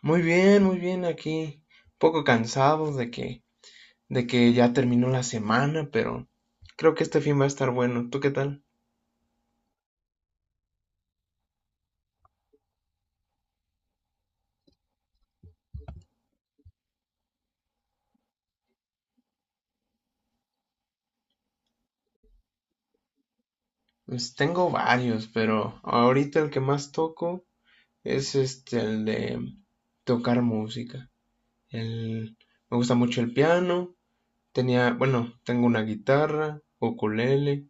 Muy bien aquí. Un poco cansado de que ya terminó la semana, pero creo que este fin va a estar bueno. ¿Tú qué tal? Pues tengo varios, pero ahorita el que más toco es este, el de tocar música. El, me gusta mucho el piano. Tenía, bueno, tengo una guitarra, ukulele.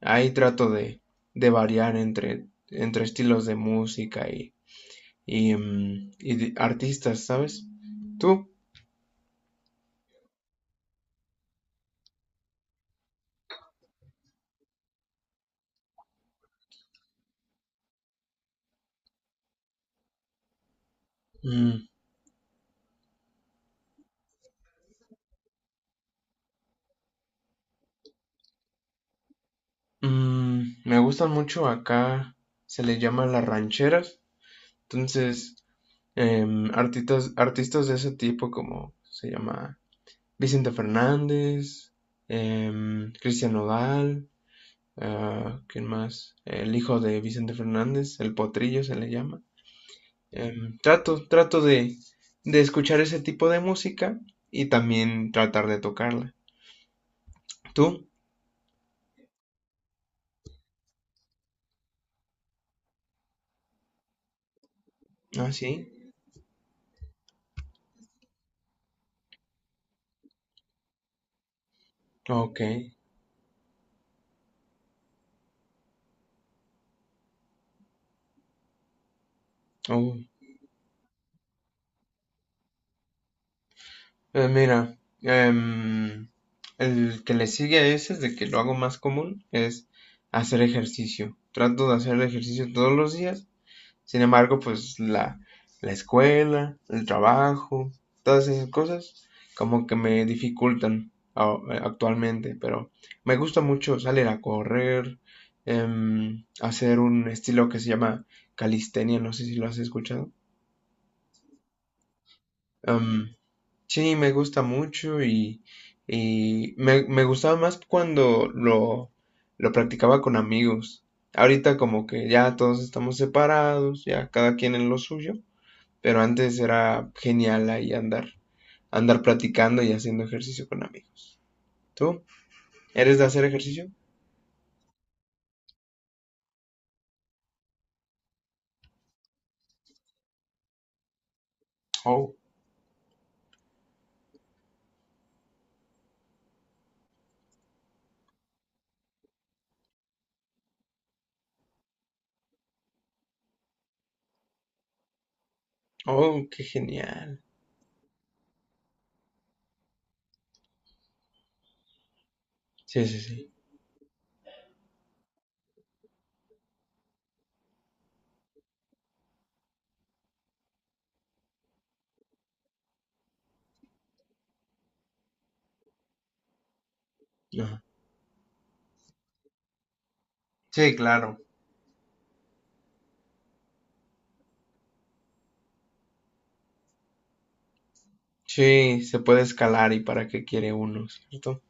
Ahí de variar entre estilos de música y y de artistas, ¿sabes? ¿Tú? Mm, Me gustan mucho acá, se les llama las rancheras. Entonces, artistas de ese tipo como se llama Vicente Fernández, Cristian Nodal, ah, ¿quién más? El hijo de Vicente Fernández, el potrillo se le llama. Trato de escuchar ese tipo de música y también tratar de tocarla. ¿Tú? Ah, sí. Ok. Oh. Mira, em, el que le sigue a ese es de que lo hago más común, es hacer ejercicio. Trato de hacer ejercicio todos los días. Sin embargo, la escuela, el trabajo, todas esas cosas como que me actualmente, pero me gusta mucho salir a correr, hacer un estilo que se llama calistenia, no sé si lo has escuchado. Em, Sí, me gusta mucho y me gustaba más lo practicaba con amigos. Ahorita como que ya todos estamos separados, ya cada quien en lo suyo, pero antes era genial andar practicando y haciendo ejercicio con amigos. ¿Tú? ¿Eres de hacer ejercicio? Oh, oh, qué genial. Sí, sí, sí. Ajá. Sí, claro. Sí, se puede escalar y para qué quiere uno, ¿cierto?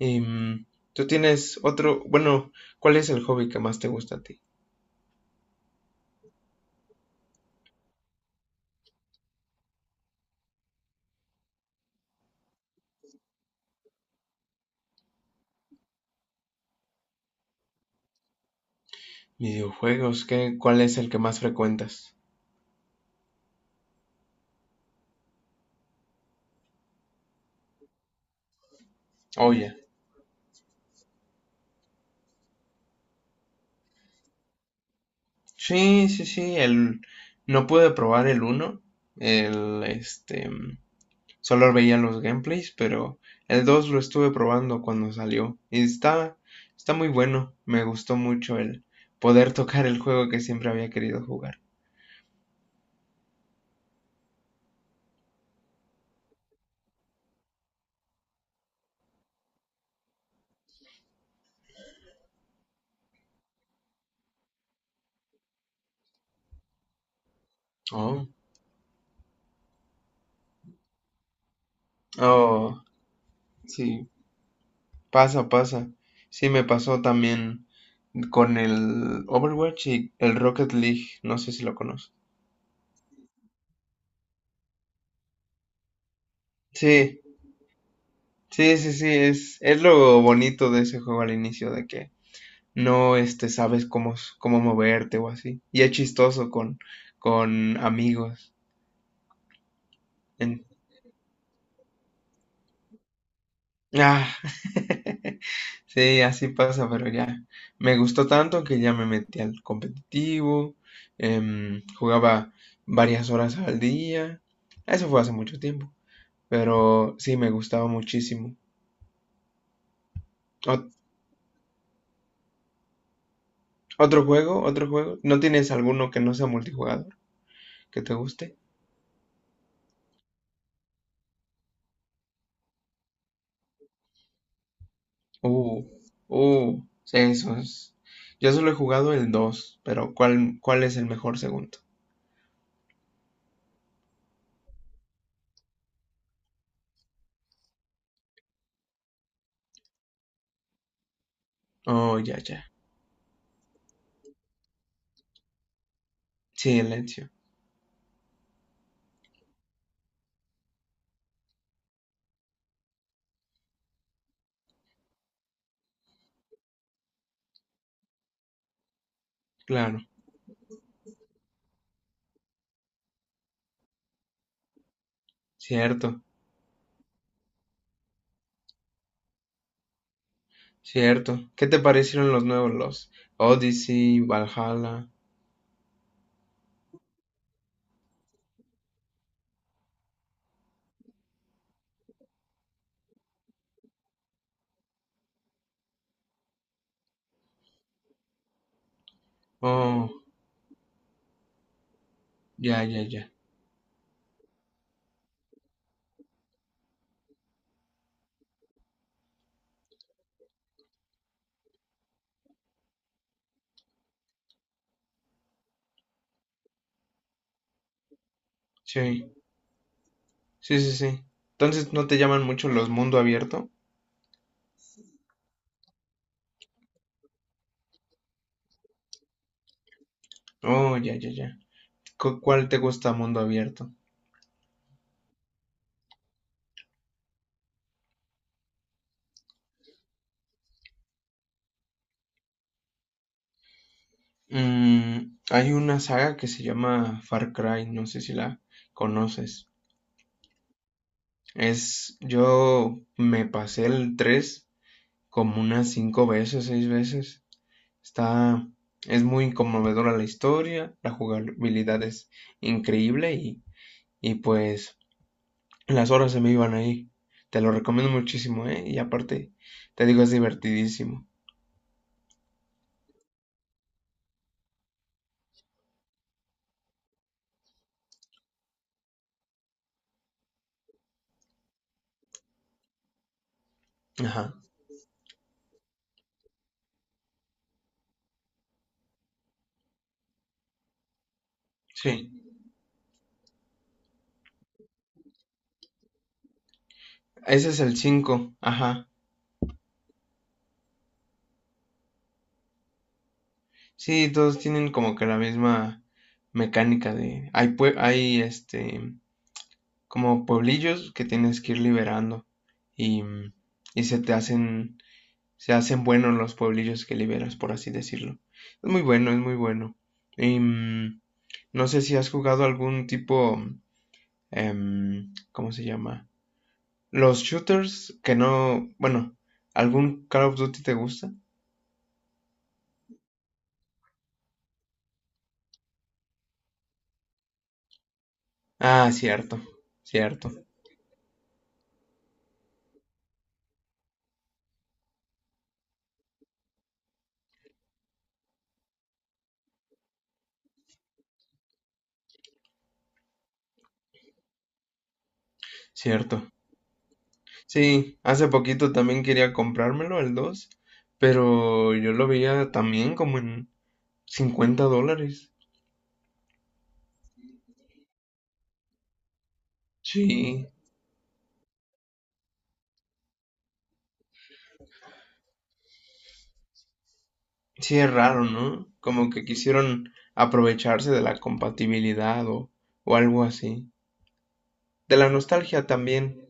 Em, ¿Tú tienes otro? Bueno, ¿cuál es el hobby que más te gusta a ti? Videojuegos, ¿qué? ¿Cuál es el que más frecuentas? Oye, sí, sí, sí, el no pude probar el uno, el este mm, solo veía los gameplays, pero el 2 lo estuve probando cuando salió y está muy bueno, me gustó mucho el poder tocar el juego que siempre había querido jugar. Oh, oh, sí, pasa, pasa. Sí, me pasó también con el Overwatch y el Rocket League. No sé si lo conoces. Sí, sí, sí, sí. Es lo bonito de ese juego al inicio, de que no este, sabes cómo, cómo moverte o así. Y es chistoso con amigos. En- Ah. Sí, así pasa, pero ya me gustó tanto que ya me metí al competitivo, jugaba varias horas al día, eso fue hace mucho tiempo, pero sí me gustaba muchísimo. Ot- otro juego, ¿no tienes alguno que no sea multijugador que te guste? Uh, sí, eso es. Yo solo he jugado el 2, pero ¿cuál es el mejor segundo? Oh, ya, ya. Silencio, claro, cierto. Cierto. ¿Qué te parecieron los nuevos, los Odyssey, Valhalla? Oh, ya, ya, ya. Sí, sí, sí, sí. Entonces, ¿no te llaman mucho los mundo abierto? Oh, ya, ya, ya. ¿Cuál te gusta mundo abierto? Mm, hay una saga que se llama Far Cry, no sé si la conoces. Yo me pasé el 3 como unas 5 veces, 6 veces. Está, es muy conmovedora la historia, la jugabilidad es increíble y pues las horas se me iban ahí. Te lo recomiendo muchísimo, ¿eh? Y aparte, te digo, es divertidísimo. Ajá. Sí. Ese es el cinco. Ajá. Sí, todos tienen como que la misma mecánica de... hay este, como pueblillos que tienes que ir liberando y, y se te hacen se hacen buenos los pueblillos que liberas, por así decirlo. Es muy bueno, es muy bueno. Em, no sé si has jugado algún tipo, ¿cómo se llama? Los shooters que no, bueno, ¿algún Call of Duty te gusta? Ah, cierto, cierto, cierto. Sí, hace poquito también quería comprármelo, el dos, pero yo lo veía también como en $50. Sí, sí, es raro, ¿no? Como que quisieron aprovecharse de la compatibilidad o algo así. De la nostalgia también.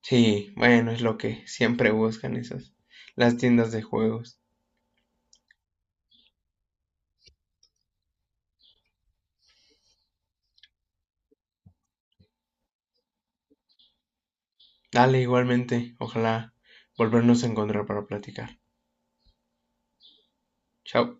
Sí, bueno, es lo que siempre buscan esas, las tiendas de juegos. Dale, igualmente, ojalá volvernos a encontrar para platicar. Chao.